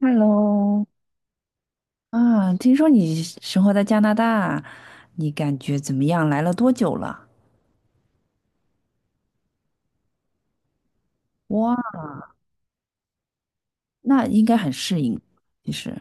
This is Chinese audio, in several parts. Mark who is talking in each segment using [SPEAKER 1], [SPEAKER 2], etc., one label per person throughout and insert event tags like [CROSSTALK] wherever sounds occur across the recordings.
[SPEAKER 1] Hello,听说你生活在加拿大，你感觉怎么样？来了多久了？哇，那应该很适应。其实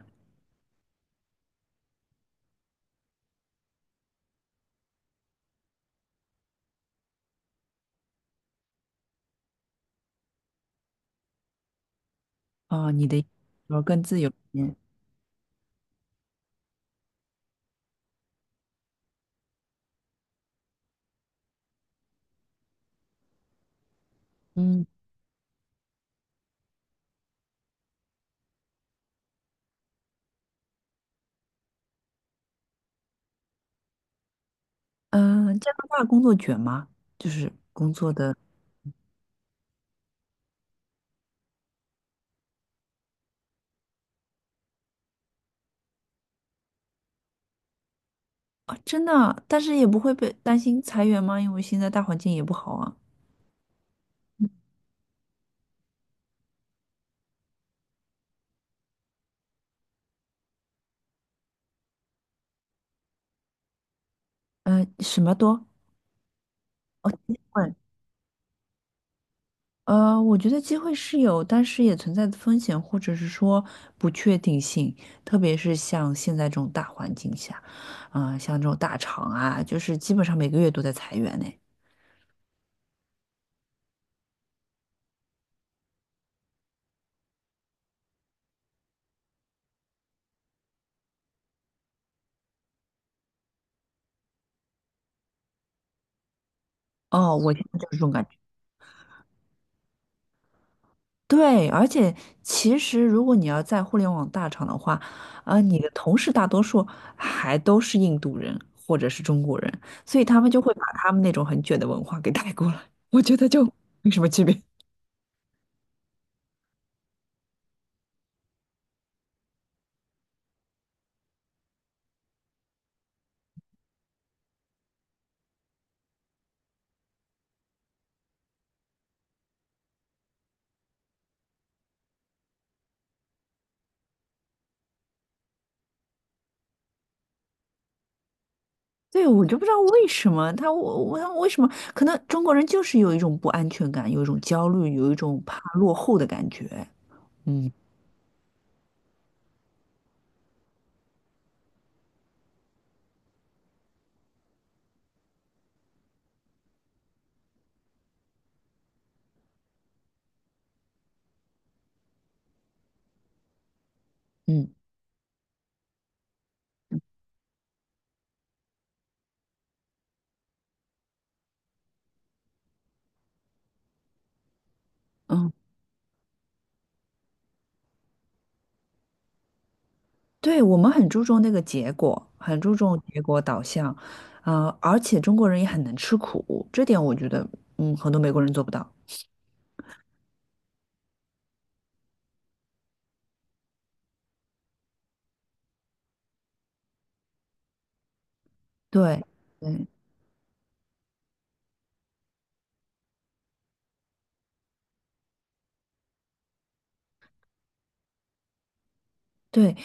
[SPEAKER 1] 你的更自由一点。嗯嗯，加拿大工作卷吗？就是工作的啊，真的啊？但是也不会被担心裁员吗？因为现在大环境也不好啊。嗯，什么多？问。我觉得机会是有，但是也存在风险，或者是说不确定性，特别是像现在这种大环境下，像这种大厂啊，就是基本上每个月都在裁员呢。哦，我现在就是这种感觉。对，而且其实如果你要在互联网大厂的话，你的同事大多数还都是印度人或者是中国人，所以他们就会把他们那种很卷的文化给带过来。我觉得就没什么区别。对，我就不知道为什么他，我我他为什么，可能中国人就是有一种不安全感，有一种焦虑，有一种怕落后的感觉。嗯嗯嗯，对，我们很注重那个结果，很注重结果导向。而且中国人也很能吃苦，这点我觉得，嗯，很多美国人做不到。对，对，对，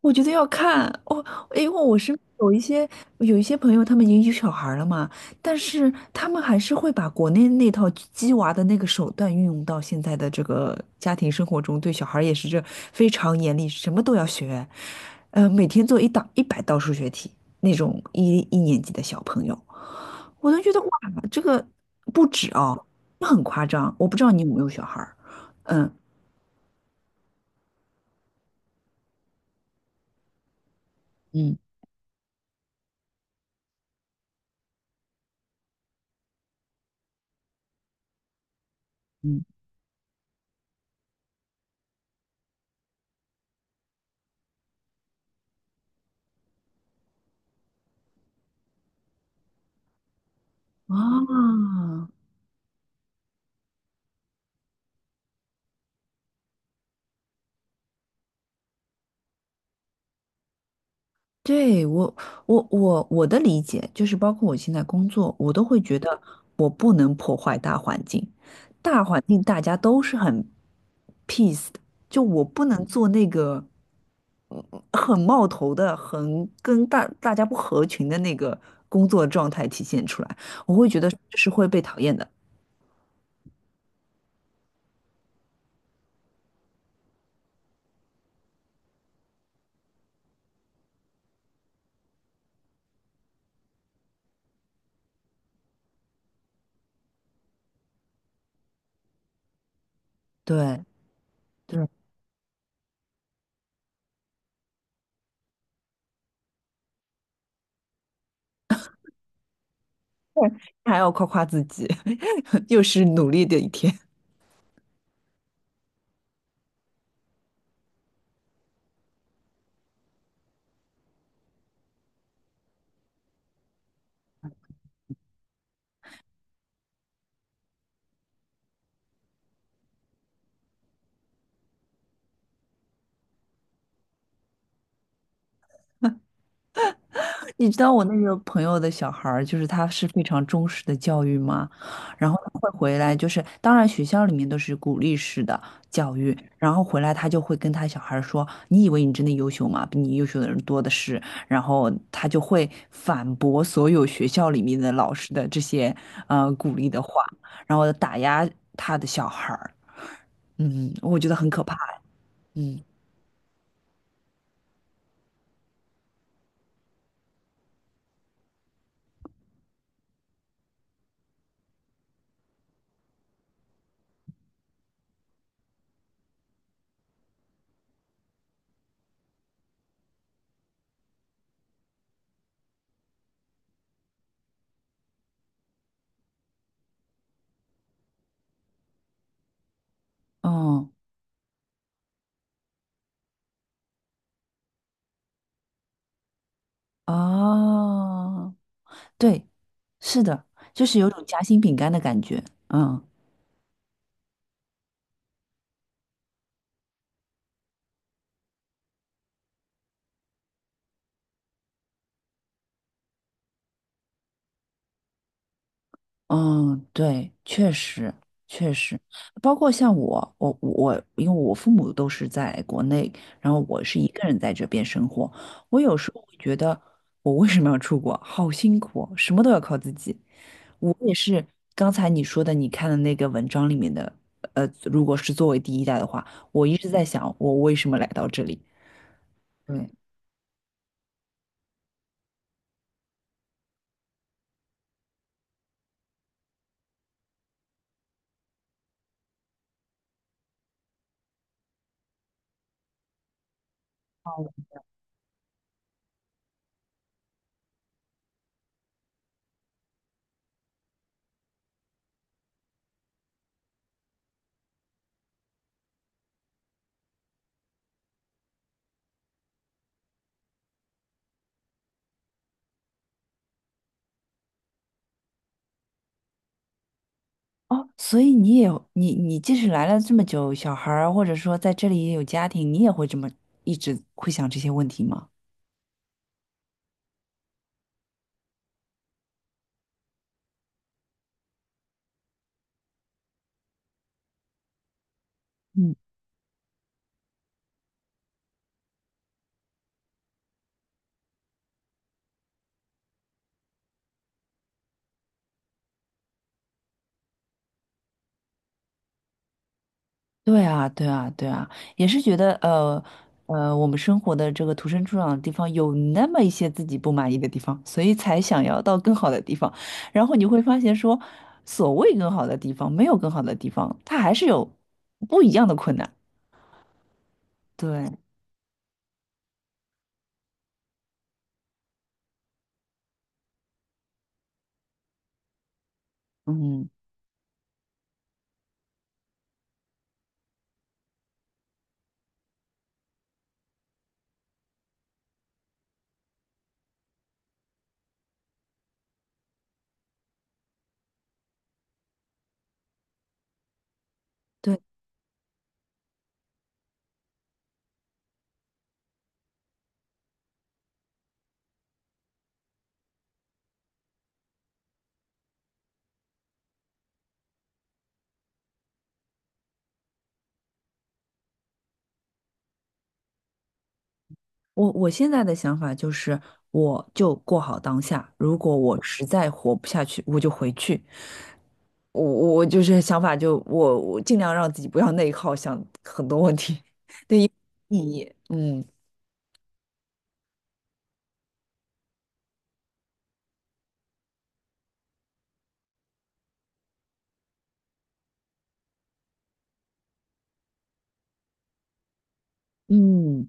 [SPEAKER 1] 我觉得要看哦，因为我身边有一些朋友，他们已经有小孩了嘛，但是他们还是会把国内那套鸡娃的那个手段运用到现在的这个家庭生活中，对小孩也是非常严厉，什么都要学。每天做一百道数学题，那种一年级的小朋友，我都觉得哇，这个不止哦，这很夸张。我不知道你有没有小孩儿？嗯嗯，啊。对，我的理解就是，包括我现在工作，我都会觉得我不能破坏大环境，大环境大家都是很 peace 的。就我不能做那个嗯很冒头的、很跟大家不合群的那个工作状态体现出来，我会觉得这是会被讨厌的。对，对，还要夸夸自己，[LAUGHS] 又是努力的一天。你知道我那个朋友的小孩儿，就是他是非常忠实的教育吗？然后他会回来，就是当然学校里面都是鼓励式的教育，然后回来他就会跟他小孩儿说："你以为你真的优秀吗？比你优秀的人多的是。"然后他就会反驳所有学校里面的老师的这些鼓励的话，然后打压他的小孩儿。嗯，我觉得很可怕。嗯，哦，哦。对，是的，就是有种夹心饼干的感觉。嗯嗯，对，确实确实，包括像我，因为我父母都是在国内，然后我是一个人在这边生活，我有时候会觉得，我为什么要出国？好辛苦哦，什么都要靠自己。我也是刚才你说的，你看的那个文章里面的，如果是作为第一代的话，我一直在想，我为什么来到这里？对，哦，所以你也有你即使来了这么久，小孩儿或者说在这里也有家庭，你也会这么一直会想这些问题吗？嗯，对啊，对啊，对啊，也是觉得我们生活的这个土生土长的地方有那么一些自己不满意的地方，所以才想要到更好的地方。然后你会发现说，所谓更好的地方，没有更好的地方，它还是有不一样的困难。对，嗯。对。我我现在的想法就是，我就过好当下。如果我实在活不下去，我就回去。我就是想法就，我尽量让自己不要内耗，想很多问题 [LAUGHS] 对意义。嗯嗯，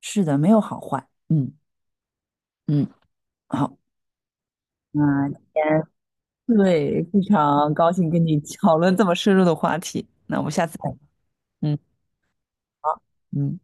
[SPEAKER 1] 是的，没有好坏。嗯嗯，好，那今天对，非常高兴跟你 [LAUGHS] 讨论这么深入的话题。那我们下次再聊嗯嗯。